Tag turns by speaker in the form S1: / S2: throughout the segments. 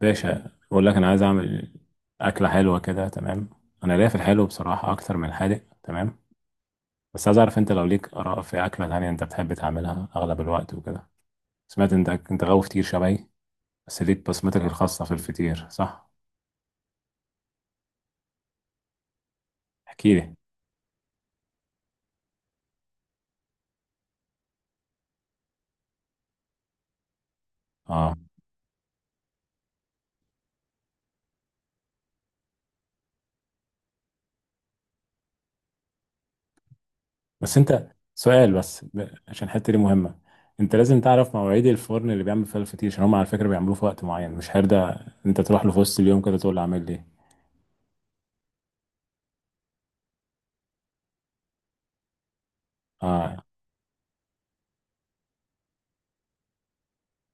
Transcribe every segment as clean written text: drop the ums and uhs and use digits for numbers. S1: باشا، بقول لك انا عايز اعمل اكله حلوه كده. تمام، انا ليا في الحلو بصراحه اكتر من الحادق. تمام، بس عايز اعرف انت لو ليك اراء في اكله تانية انت بتحب تعملها اغلب الوقت وكده. سمعت انت غاوي فطير شبهي، بس ليك بصمتك الخاصه في الفطير، صح؟ احكي لي. اه، بس انت سؤال بس عشان الحته دي مهمه. انت لازم تعرف مواعيد الفرن اللي بيعمل فيها الفطير، عشان هم على فكره بيعملوه في وقت معين مش هرده. انت تروح له في وسط اليوم كده تقول له اعمل لي. اه.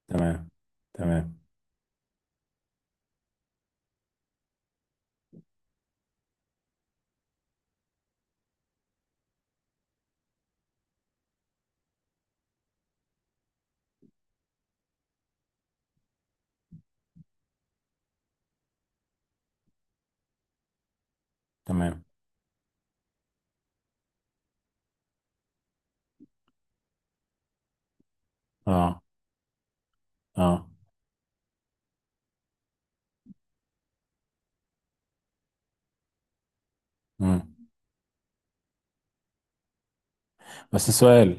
S1: تمام. تمام. تمام. اه. اه. مم. بس السؤال،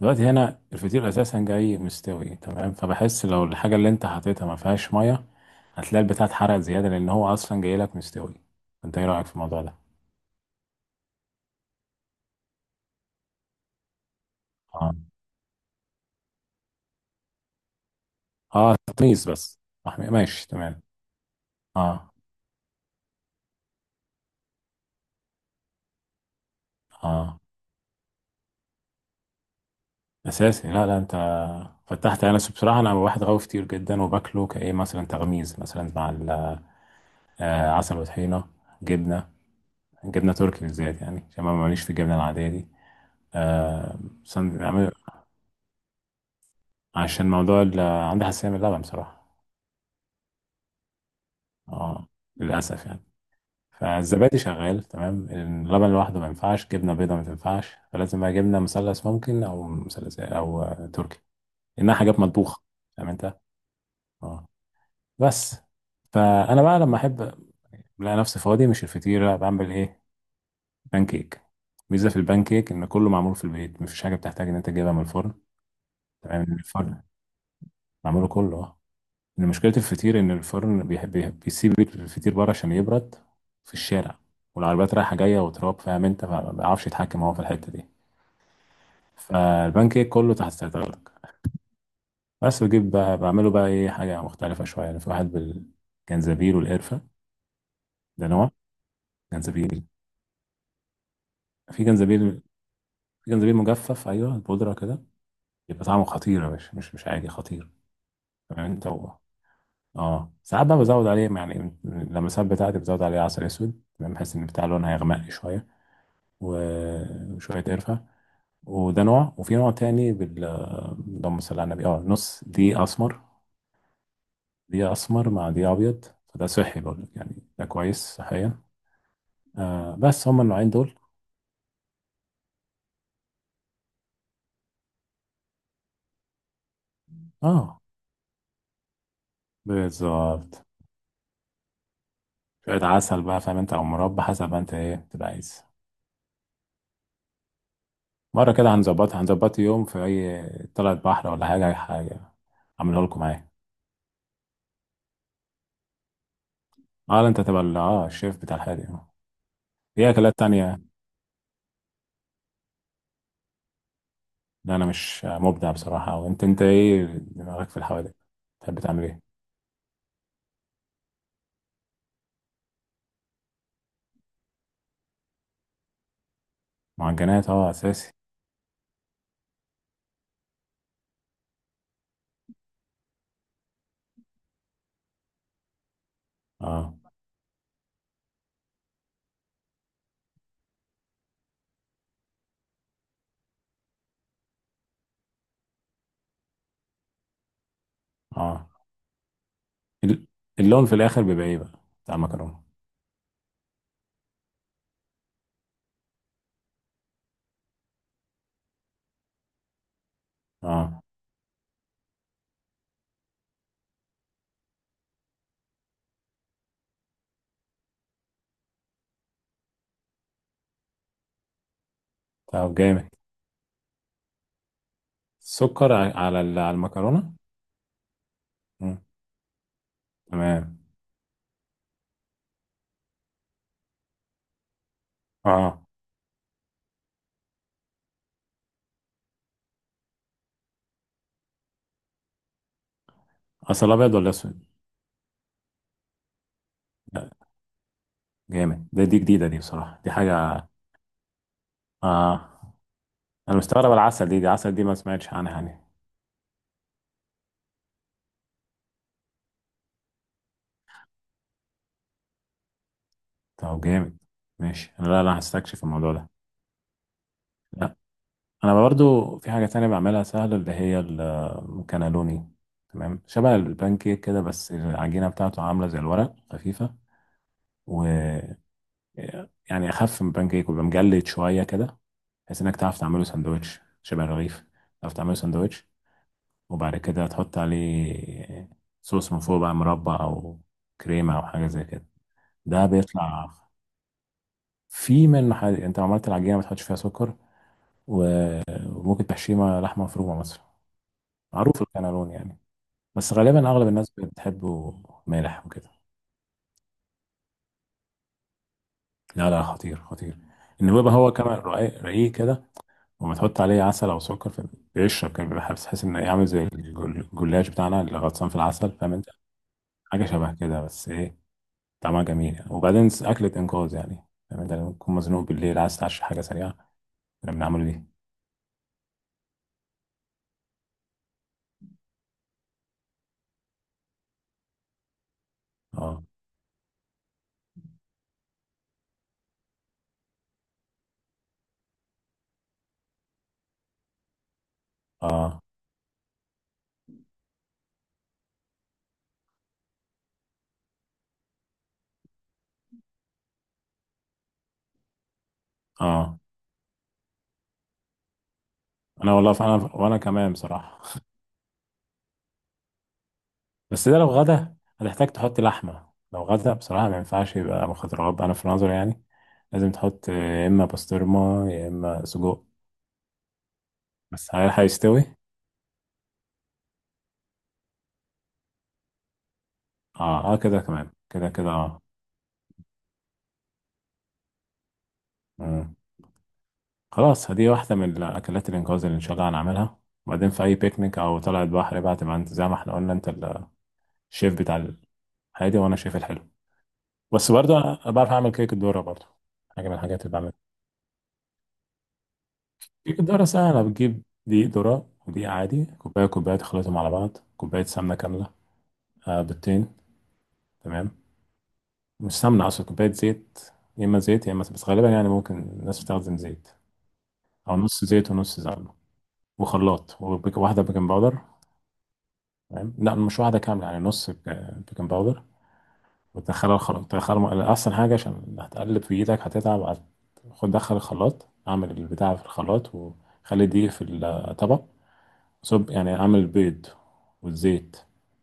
S1: دلوقتي هنا الفطير اساسا جاي مستوي تمام، فبحس لو الحاجه اللي انت حطيتها ما فيهاش ميه هتلاقي البتاع اتحرق زياده لان هو اصلا جاي لك مستوي. انت ايه رايك في الموضوع ده؟ اه. اه تميز بس. ماشي، تمام. اه. اه اساسي. لا لا انت فتحت. انا بصراحه انا واحد غاوي فطير جدا، وباكله كايه مثلا تغميز مثلا مع آه، عسل وطحينه. جبنه. جبنه تركي بالذات، يعني عشان ما ماليش في الجبنه العاديه دي. آه، عشان موضوع عندي حساسية من اللبن بصراحة. اه، للأسف يعني. فالزبادي شغال تمام، اللبن لوحده ما ينفعش، جبنة بيضة ما تنفعش، فلازم بقى جبنة مثلث ممكن، أو مثلث إيه، أو آه، تركي. إنها حاجات مطبوخة، فاهم أنت. اه، بس فأنا بقى لما أحب ألاقي نفسي فاضي مش الفطيرة، بعمل إيه؟ بانكيك. ميزة في البانكيك إن كله معمول في البيت، مفيش حاجة بتحتاج إن أنت تجيبها من الفرن. تمام من الفرن. معموله كله، آه. إن مشكلة الفطير إن الفرن بيسيب الفطير بره عشان يبرد في الشارع، والعربيات رايحة جاية وتراب، فاهم أنت، فما بيعرفش يتحكم هو في الحتة دي. فالبان كيك كله تحت سيطرتك. بس بجيب بقى، بعمله بقى إيه، حاجة مختلفة شوية يعني. في واحد بالجنزبيل والقرفة، ده نوع. جنزبيل. في جنزبيل، في جنزبيل مجفف، أيوه البودرة كده. يبقى طعمه خطير يا باشا، مش عادي، خطير. تمام أنت هو. اه ساعات بقى بزود عليه يعني، لما الساعات بتاعتي بزود عليه عسل اسود، تمام، بحيث ان بتاع لون هيغمق شويه. وشوية قرفة. وده نوع. وفي نوع تاني بال، اللهم صل على النبي، اه نص دي أسمر. دي أسمر مع دي أبيض، فده صحي برضه يعني، ده كويس صحيا. آه، بس هما النوعين دول. اه، بالظبط. شوية عسل بقى، فاهم انت، أو مربى، حسب ما انت ايه تبقى عايز. مرة كده هنظبطها، هنظبط يوم في أي طلعة بحر ولا حاجة، أي حاجة أعملها لكم معايا. اه لا، انت تبقى اه الشيف بتاع الحاجة، اه. في أكلات تانية؟ لا انا مش مبدع بصراحه، او انت ايه دماغك في الحوادق؟ تحب تعمل ايه؟ معجنات اه، اساسي. اه. اه. ال- اللون في الاخر بيبقى ايه بقى، بتاع المكرونه؟ اه. طب جامد، سكر على على المكرونه؟ مم. تمام. اه، اصل ابيض ولا اسود؟ لا، جامد ده، دي جديده دي بصراحه، دي حاجه. اه، انا مستغرب العسل، دي عسل دي ما سمعتش عنها يعني. طب جامد، ماشي، لا لا هستكشف الموضوع ده. انا برضو في حاجه تانية بعملها سهله، اللي هي الكانالوني. تمام، شبه البانكيك كده، بس العجينه بتاعته عامله زي الورق خفيفه. و، يعني اخف من البانكيك، ويبقى مجلد شويه كده، بحيث انك تعرف تعمله سندوتش شبه الرغيف. تعرف تعمله سندوتش، وبعد كده تحط عليه صوص من فوق، بقى مربى او كريمه او حاجه زي كده. ده بيطلع في من محل. انت لو عملت العجينه ما تحطش فيها سكر، وممكن تحشيها لحمه مفرومه مثلا. معروف الكانالون يعني، بس غالبا اغلب الناس بتحبه مالح وكده. لا لا، خطير خطير. ان هو بقى، هو كمان رقيق رقيق كده، وما تحط عليه عسل او سكر فبيشرب كده، بيبقى حاسس، تحس ان إيه، عامل زي الجلاش بتاعنا اللي غطسان في العسل، فاهم انت. حاجه شبه كده، بس ايه، طعمها جميل يعني. وبعدين اكله انقاذ يعني، فاهم انت، لما تكون مزنوق بالليل عايز تعشي حاجه سريعه، احنا بنعمله دي. اه. اه. اه. انا والله، فانا وانا كمان بصراحه. بس ده لو غدا هتحتاج تحط لحمه. لو غدا بصراحه ما ينفعش يبقى مخدرات، انا في نظري يعني. لازم تحط يا اما بسطرمه يا اما سجق. بس هل هيستوي؟ اه اه، كده كمان كده كده، اه. مم. خلاص، هدي واحده من الاكلات الانقاذ اللي ان شاء الله هنعملها. وبعدين في اي بيكنيك او طلعه بحر بقى، تبقى انت زي ما احنا قلنا انت الشيف بتاع الهادي، وانا الشيف الحلو. بس برضه أنا بعرف اعمل كيك الذره برضه، حاجه من الحاجات اللي بعملها. كيك الذره سهله. بتجيب دقيق ذره ودقيق عادي، كوبايه كوبايه، تخلطهم على بعض. كوبايه سمنه كامله، آه، بيضتين. تمام. مش سمنة أصلا، كوباية زيت. يا إما زيت يا إما، بس غالبا يعني ممكن الناس بتستخدم زيت. أو نص زيت ونص سمنة. وخلاط، واحدة بيكنج باودر. تمام، لا مش واحدة كاملة يعني، نص بيكنج باودر. وتدخلها الخلاط، تدخلها أحسن حاجة، عشان هتقلب في إيدك هتتعب خد دخل الخلاط، أعمل البتاع في الخلاط، وخلي دي في الطبق. صب يعني، أعمل البيض والزيت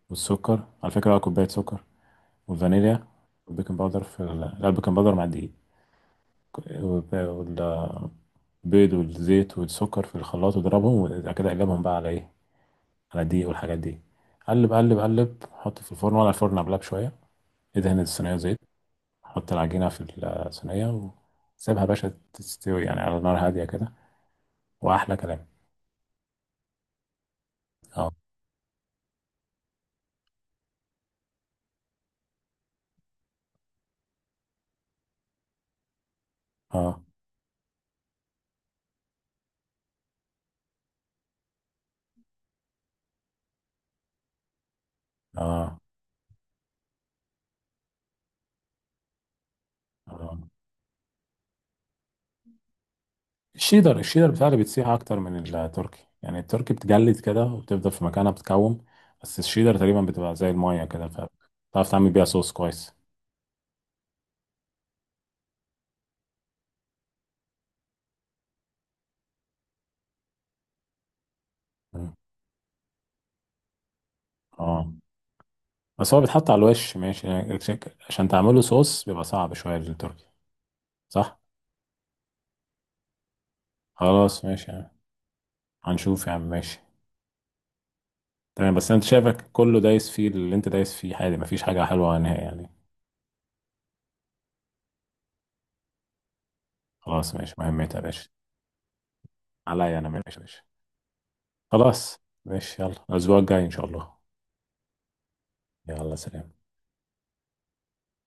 S1: والسكر على فكرة بقى، كوباية سكر، والفانيليا، والبيكنج باودر في لا البيكنج باودر مع الدقيق، وال- بيض والزيت والسكر في الخلاط، واضربهم. وبعد كده اقلبهم بقى على ايه؟ على الدقيق والحاجات دي. قلب قلب قلب، حط في الفرن، ولا الفرن قبلها بشويه ادهن الصينيه زيت. حط العجينه في الصينيه، وسيبها يا باشا تستوي يعني على نار هاديه كده، واحلى كلام. اه. اه. اه. اه. الشيدر، الشيدر بتاعي بتسيح اكتر من التركي، يعني التركي بتجلد كده وبتفضل في مكانها بتكوم، بس الشيدر تقريبا بتبقى زي المايه كده، فتعرف تعمل بيها صوص كويس. مم. اه، بس هو بيتحط على الوش ماشي يعني عشان تعمله صوص بيبقى صعب شوية للتركي. صح؟ خلاص ماشي يعني. هنشوف يا عم، ماشي. تمام، بس انت شايفك كله دايس فيه، اللي انت دايس فيه عادي، مفيش حاجة حلوة نهائي يعني. خلاص ماشي، مهمتها يا باشا عليا انا، ماشي يا باشا. خلاص ماشي، يلا الأسبوع الجاي إن شاء الله. يلا، سلام.